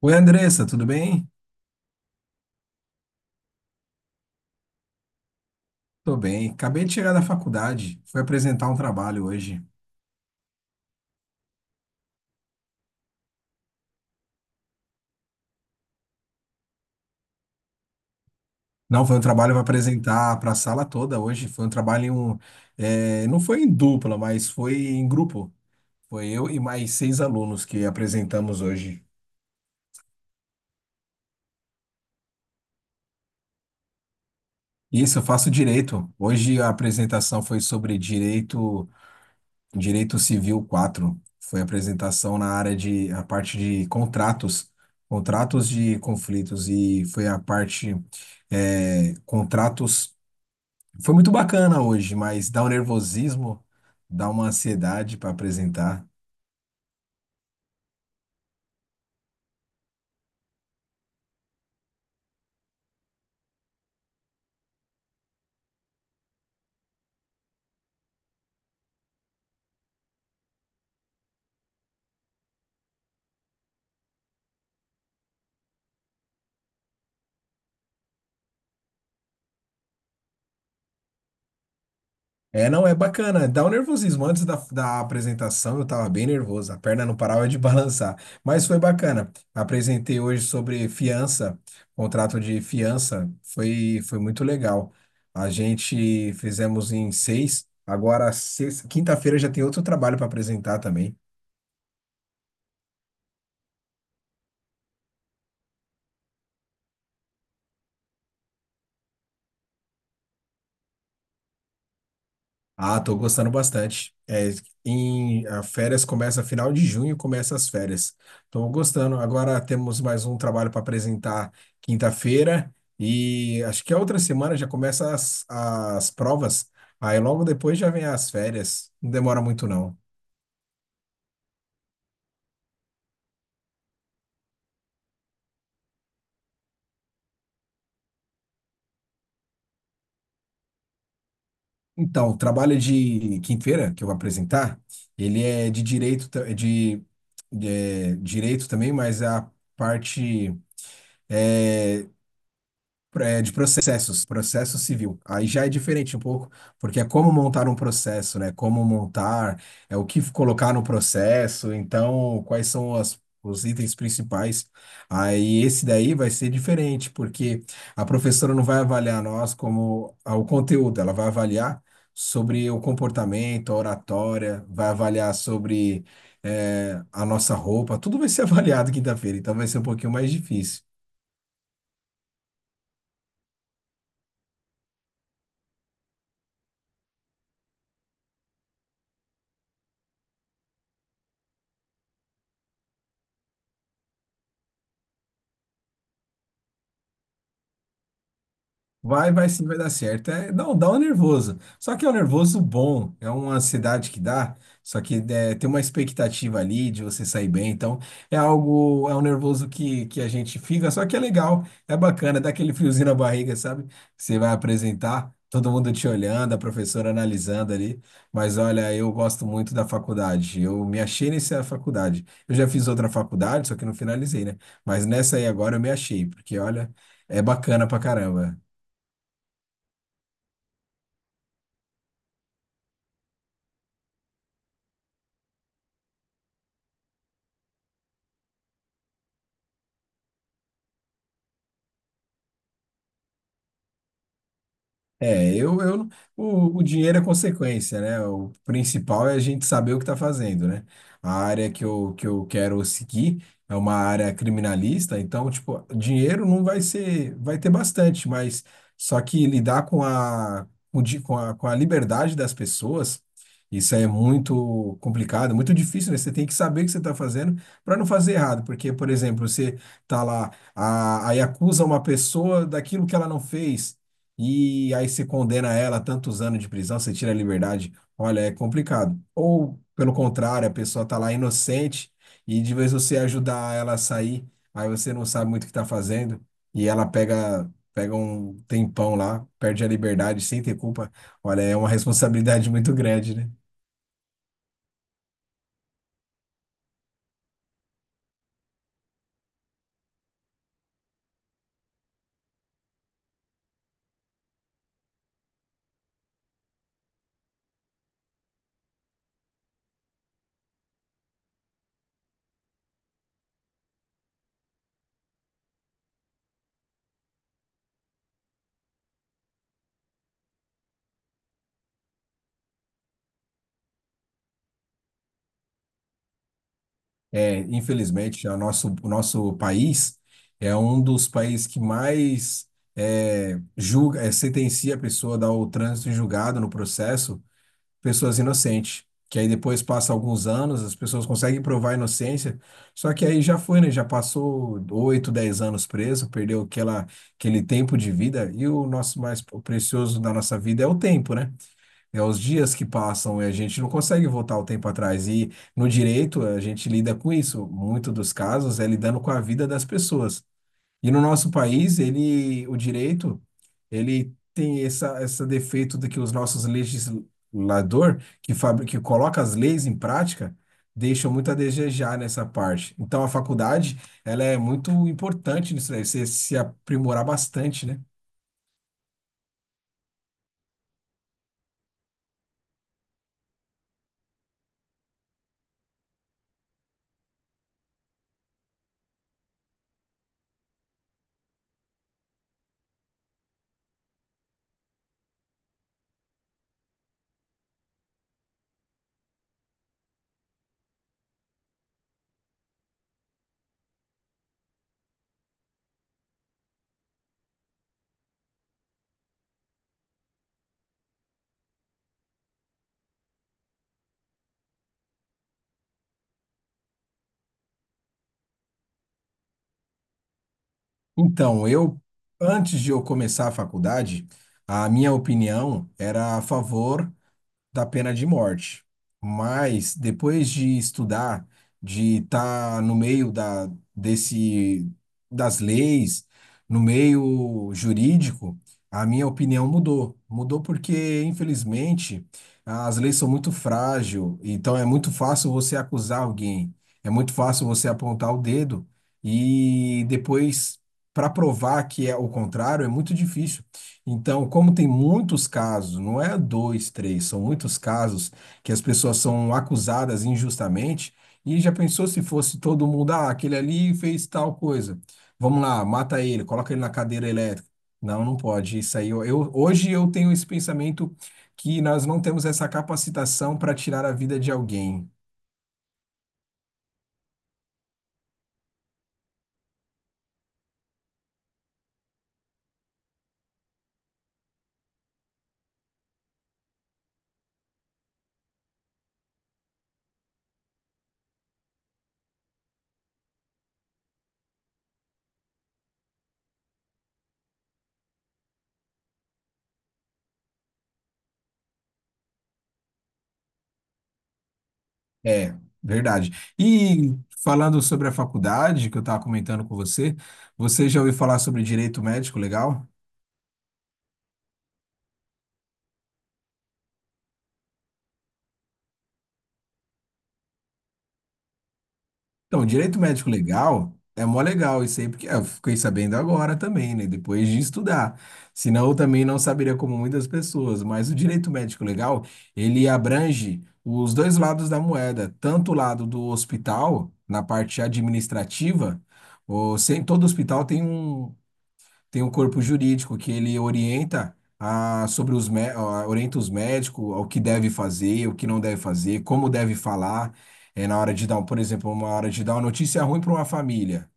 Oi, Andressa, tudo bem? Tô bem. Acabei de chegar da faculdade. Fui apresentar um trabalho hoje. Não, foi um trabalho para apresentar para a sala toda hoje. Foi um trabalho não foi em dupla, mas foi em grupo. Foi eu e mais seis alunos que apresentamos hoje. Isso, eu faço direito. Hoje a apresentação foi sobre direito, Direito Civil 4, foi a apresentação na área de a parte de contratos, contratos de conflitos e foi a parte contratos. Foi muito bacana hoje, mas dá um nervosismo, dá uma ansiedade para apresentar. É, não, é bacana. Dá um nervosismo. Antes da apresentação, eu tava bem nervoso. A perna não parava de balançar. Mas foi bacana. Apresentei hoje sobre fiança, contrato de fiança. Foi muito legal. A gente fizemos em seis. Agora, quinta-feira já tem outro trabalho para apresentar também. Ah, tô gostando bastante. A férias começa final de junho, começa as férias. Tô gostando. Agora temos mais um trabalho para apresentar quinta-feira e acho que a outra semana já começa as provas. Aí logo depois já vem as férias. Não demora muito não. Então, o trabalho de quinta-feira que eu vou apresentar, ele é de direito, direito também, mas a parte é, de processos, processo civil. Aí já é diferente um pouco, porque é como montar um processo, né? Como montar, é o que colocar no processo, então quais são os itens principais. Aí esse daí vai ser diferente, porque a professora não vai avaliar nós como ah, o conteúdo, ela vai avaliar sobre o comportamento, a oratória, vai avaliar sobre a nossa roupa, tudo vai ser avaliado quinta-feira, então vai ser um pouquinho mais difícil. Vai, vai sim, vai dar certo. É, não, dá um nervoso. Só que é um nervoso bom, é uma ansiedade que dá, só que é, tem uma expectativa ali de você sair bem. Então, é algo, é um nervoso que a gente fica, só que é legal, é bacana, dá aquele friozinho na barriga, sabe? Você vai apresentar, todo mundo te olhando, a professora analisando ali. Mas olha, eu gosto muito da faculdade, eu me achei nessa faculdade. Eu já fiz outra faculdade, só que não finalizei, né? Mas nessa aí agora eu me achei, porque olha, é bacana pra caramba. É, eu, eu, o dinheiro é consequência, né? O principal é a gente saber o que está fazendo, né? A área que eu quero seguir é uma área criminalista, então, tipo, dinheiro não vai ser, vai ter bastante, mas só que lidar com a, com di- com a liberdade das pessoas, isso é muito complicado, muito difícil, né? Você tem que saber o que você está fazendo para não fazer errado, porque, por exemplo, você tá lá, aí acusa uma pessoa daquilo que ela não fez e aí você condena ela a tantos anos de prisão, você tira a liberdade. Olha, é complicado. Ou, pelo contrário, a pessoa tá lá inocente e de vez você ajudar ela a sair, aí você não sabe muito o que tá fazendo e ela pega um tempão lá, perde a liberdade sem ter culpa. Olha, é uma responsabilidade muito grande, né? É, infelizmente, o nosso país é um dos países que mais julga, sentencia a pessoa a dar o trânsito em julgado no processo pessoas inocentes. Que aí depois passa alguns anos, as pessoas conseguem provar a inocência, só que aí já foi, né? Já passou 8, 10 anos preso, perdeu aquele tempo de vida, e o nosso mais precioso da nossa vida é o tempo, né? É os dias que passam, e a gente não consegue voltar o tempo atrás. E no direito, a gente lida com isso. Muito dos casos é lidando com a vida das pessoas. E no nosso país, ele, o direito, ele tem essa defeito de que os nossos legislador que coloca as leis em prática, deixam muito a desejar nessa parte. Então, a faculdade, ela é muito importante nisso daí, você se aprimorar bastante, né? Então, eu, antes de eu começar a faculdade, a minha opinião era a favor da pena de morte. Mas depois de estudar, de estar no meio das leis, no meio jurídico, a minha opinião mudou. Mudou porque, infelizmente, as leis são muito frágeis, então é muito fácil você acusar alguém, é muito fácil você apontar o dedo e depois, para provar que é o contrário, é muito difícil. Então, como tem muitos casos, não é dois, três, são muitos casos que as pessoas são acusadas injustamente, e já pensou se fosse todo mundo, ah, aquele ali fez tal coisa. Vamos lá, mata ele, coloca ele na cadeira elétrica. Não, não pode. Isso aí, hoje eu tenho esse pensamento que nós não temos essa capacitação para tirar a vida de alguém. É, verdade. E falando sobre a faculdade que eu estava comentando com você, você já ouviu falar sobre direito médico, legal? Então, direito médico legal é mó legal isso aí, porque eu fiquei sabendo agora também, né? Depois de estudar. Senão eu também não saberia como muitas pessoas. Mas o direito médico legal, ele abrange os dois lados da moeda, tanto o lado do hospital, na parte administrativa, ou sem todo hospital tem tem o corpo jurídico que ele orienta a, sobre os, mé- a- orienta os médicos ao que deve fazer, o que não deve fazer, como deve falar, na hora de dar, por exemplo, uma hora de dar uma notícia ruim para uma família.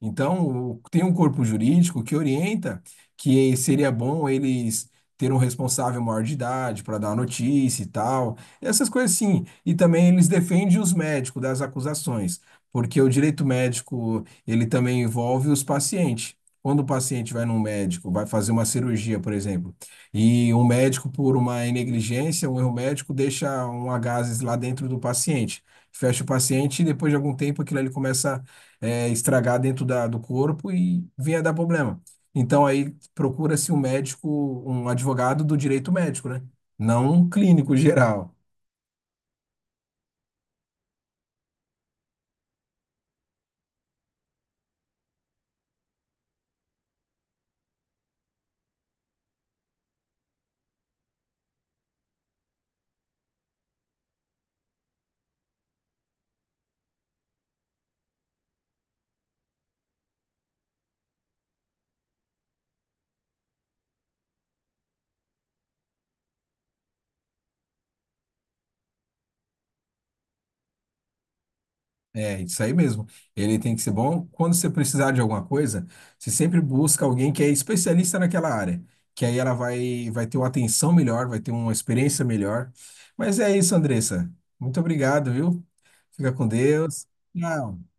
Então, tem um corpo jurídico que orienta que seria bom eles ter um responsável maior de idade para dar a notícia e tal, essas coisas sim. E também eles defendem os médicos das acusações, porque o direito médico, ele também envolve os pacientes. Quando o paciente vai num médico, vai fazer uma cirurgia, por exemplo, e um médico, por uma negligência, um erro médico, deixa um gases lá dentro do paciente, fecha o paciente e depois de algum tempo aquilo ali começa estragar dentro do corpo e vinha dar problema. Então aí procura-se um advogado do direito médico, né? Não um clínico geral. É, isso aí mesmo. Ele tem que ser bom. Quando você precisar de alguma coisa, você sempre busca alguém que é especialista naquela área, que aí ela vai, vai ter uma atenção melhor, vai ter uma experiência melhor. Mas é isso, Andressa. Muito obrigado, viu? Fica com Deus. Tchau.